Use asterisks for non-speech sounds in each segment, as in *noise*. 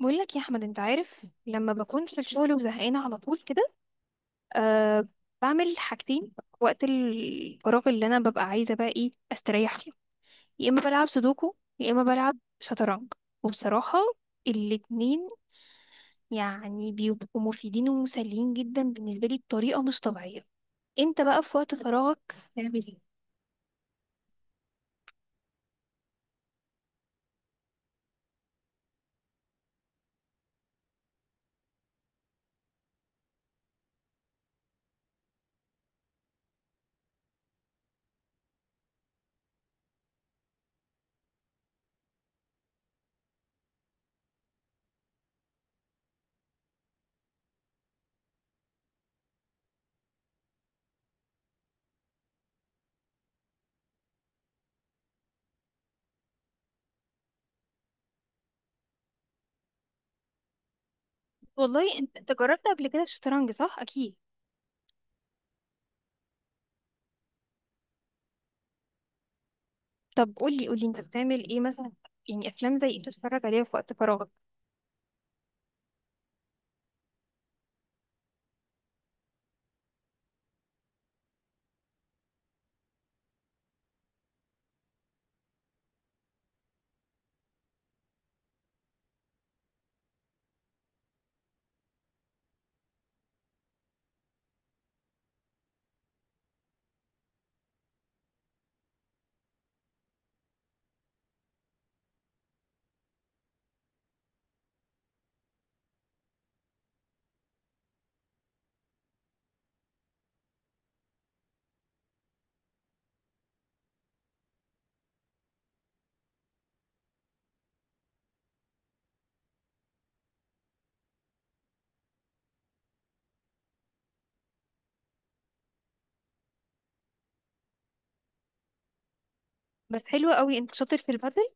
بقول لك يا احمد، انت عارف لما بكون في الشغل وزهقانه على طول كده. أه بعمل حاجتين. وقت الفراغ اللي انا ببقى عايزه بقى ايه استريح فيه. يا اما بلعب سودوكو يا اما بلعب شطرنج. وبصراحه الاتنين يعني بيبقوا مفيدين ومسليين جدا بالنسبه لي بطريقه مش طبيعيه. انت بقى في وقت فراغك؟ والله انت جربت قبل كده الشطرنج صح اكيد؟ طب قولي قولي انت بتعمل ايه مثلا؟ يعني افلام زي ايه بتتفرج عليها في وقت فراغك؟ بس حلو قوي، انت شاطر في البدل.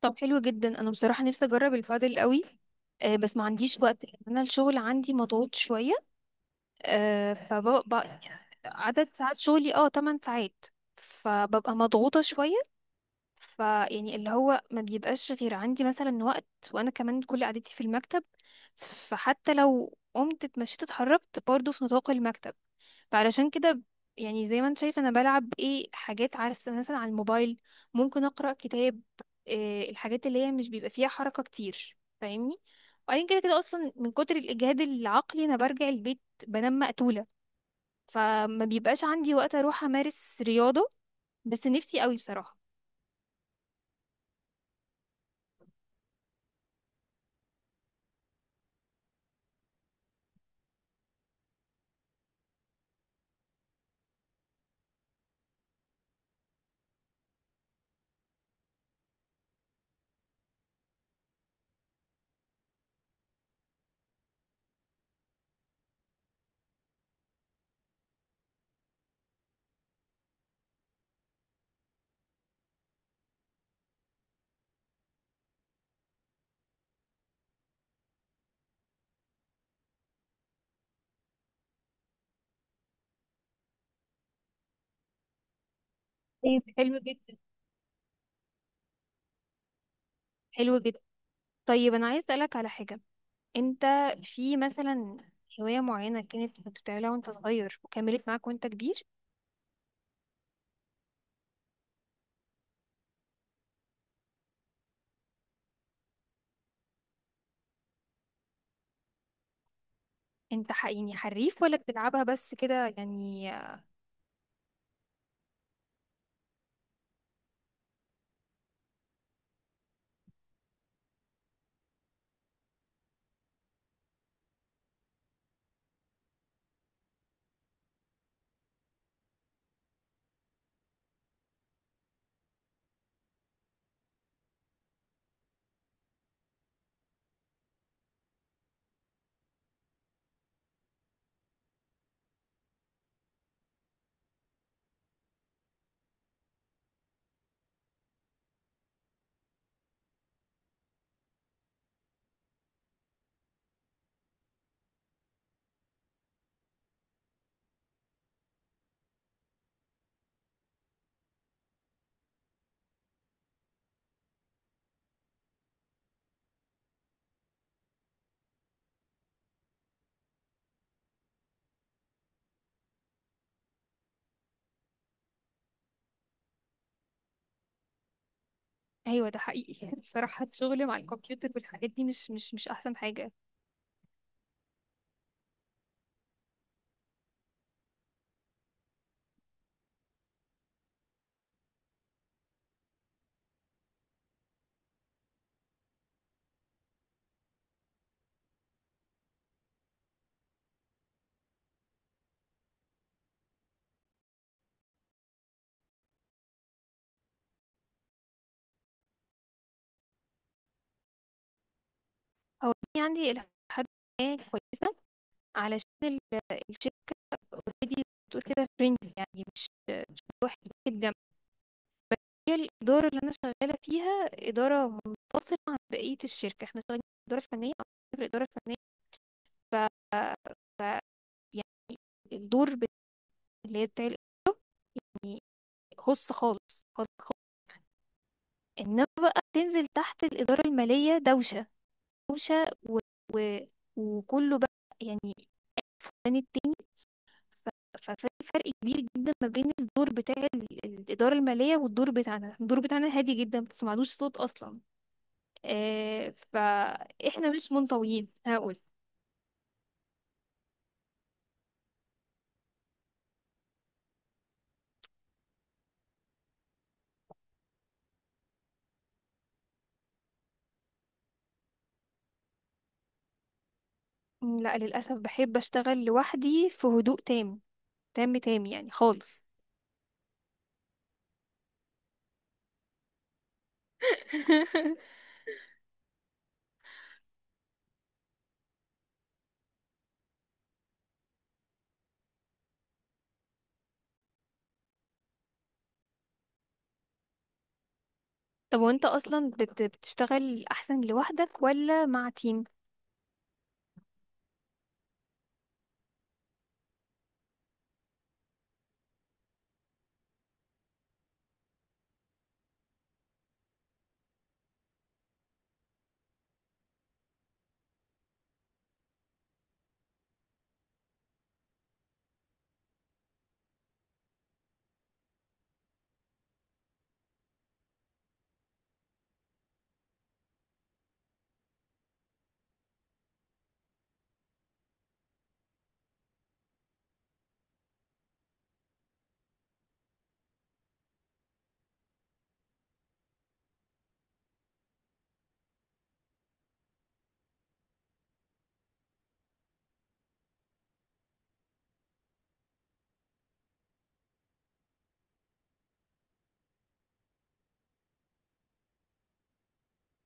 طب حلو جدا، انا بصراحه نفسي اجرب البادل قوي. بس ما عنديش وقت لأن انا الشغل عندي مضغوط شويه. آه، فببقى عدد ساعات شغلي 8 ساعات، فببقى مضغوطه شويه. فيعني اللي هو ما بيبقاش غير عندي مثلا وقت. وانا كمان كل قعدتي في المكتب، فحتى لو قمت اتمشيت اتحركت برضه في نطاق المكتب. فعلشان كده يعني زي ما انت شايف انا بلعب ايه حاجات عارف مثلا على الموبايل، ممكن اقرا كتاب. إيه الحاجات اللي هي مش بيبقى فيها حركه كتير فاهمني؟ وبعدين كده كده اصلا من كتر الاجهاد العقلي انا برجع البيت بنام مقتوله، فما بيبقاش عندي وقت اروح امارس رياضه. بس نفسي قوي بصراحه. طيب حلو جدا، حلو جدا. طيب انا عايز اسالك على حاجه. انت في مثلا هوايه معينه كانت كنت بتعملها وانت صغير وكملت معاك وانت كبير؟ يعني حريف ولا بتلعبها بس كده يعني؟ ايوه ده حقيقي *laughs* يعني بصراحة الشغل مع الكمبيوتر والحاجات دي مش احسن حاجة. هو دي عندي الى حد ما كويسة، علشان الشركة اوريدي بتقول كده فريندلي، يعني مش لوحدي الجامعة. هي الإدارة اللي أنا شغالة فيها إدارة منفصلة عن بقية الشركة، احنا شغالين في الإدارة الفنية أو في الإدارة الفنية. ف... ف... يعني الدور بت- اللي هي بتاع الخاص خالص. انما بقى تنزل تحت الإدارة المالية دوشة دوشة وكله بقى يعني فلان التاني. ف... ففي فرق كبير جدا ما بين الدور بتاع الإدارة المالية والدور بتاعنا. الدور بتاعنا هادي جدا ما بتسمعلوش صوت أصلا. فإحنا مش منطويين هقول. لا للأسف، بحب أشتغل لوحدي في هدوء تام. تام تام يعني خالص. *laughs* طب وانت أصلا بتشتغل أحسن لوحدك ولا مع تيم؟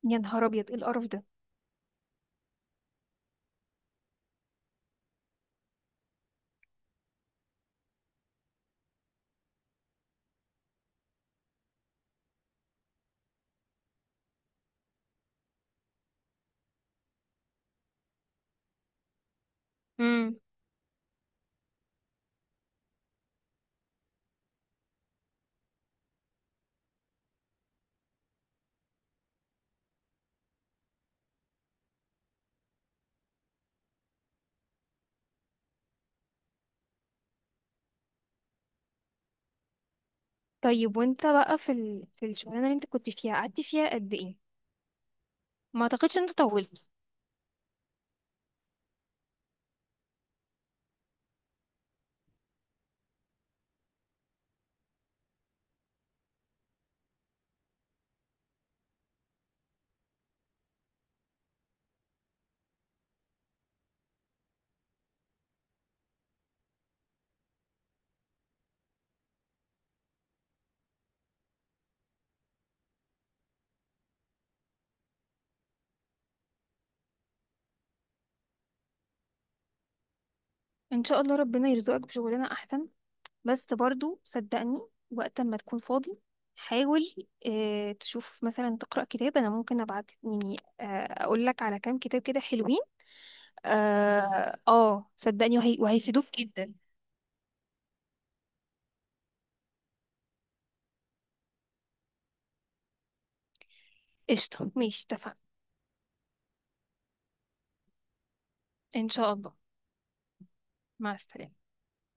يا نهار أبيض، إيه القرف ده! طيب وانت بقى في في الشغلانه اللي انت كنت فيها قعدت فيها قد ايه؟ ما اعتقدش ان انت طولت. ان شاء الله ربنا يرزقك بشغلانه احسن، بس برضو صدقني وقت ما تكون فاضي حاول تشوف مثلا تقرا كتاب. انا ممكن ابعت يعني اقول لك على كام كتاب كده حلوين. صدقني وهيفيدوك جدا. قشطه ماشي اتفقنا. ان شاء الله. مع السلامه.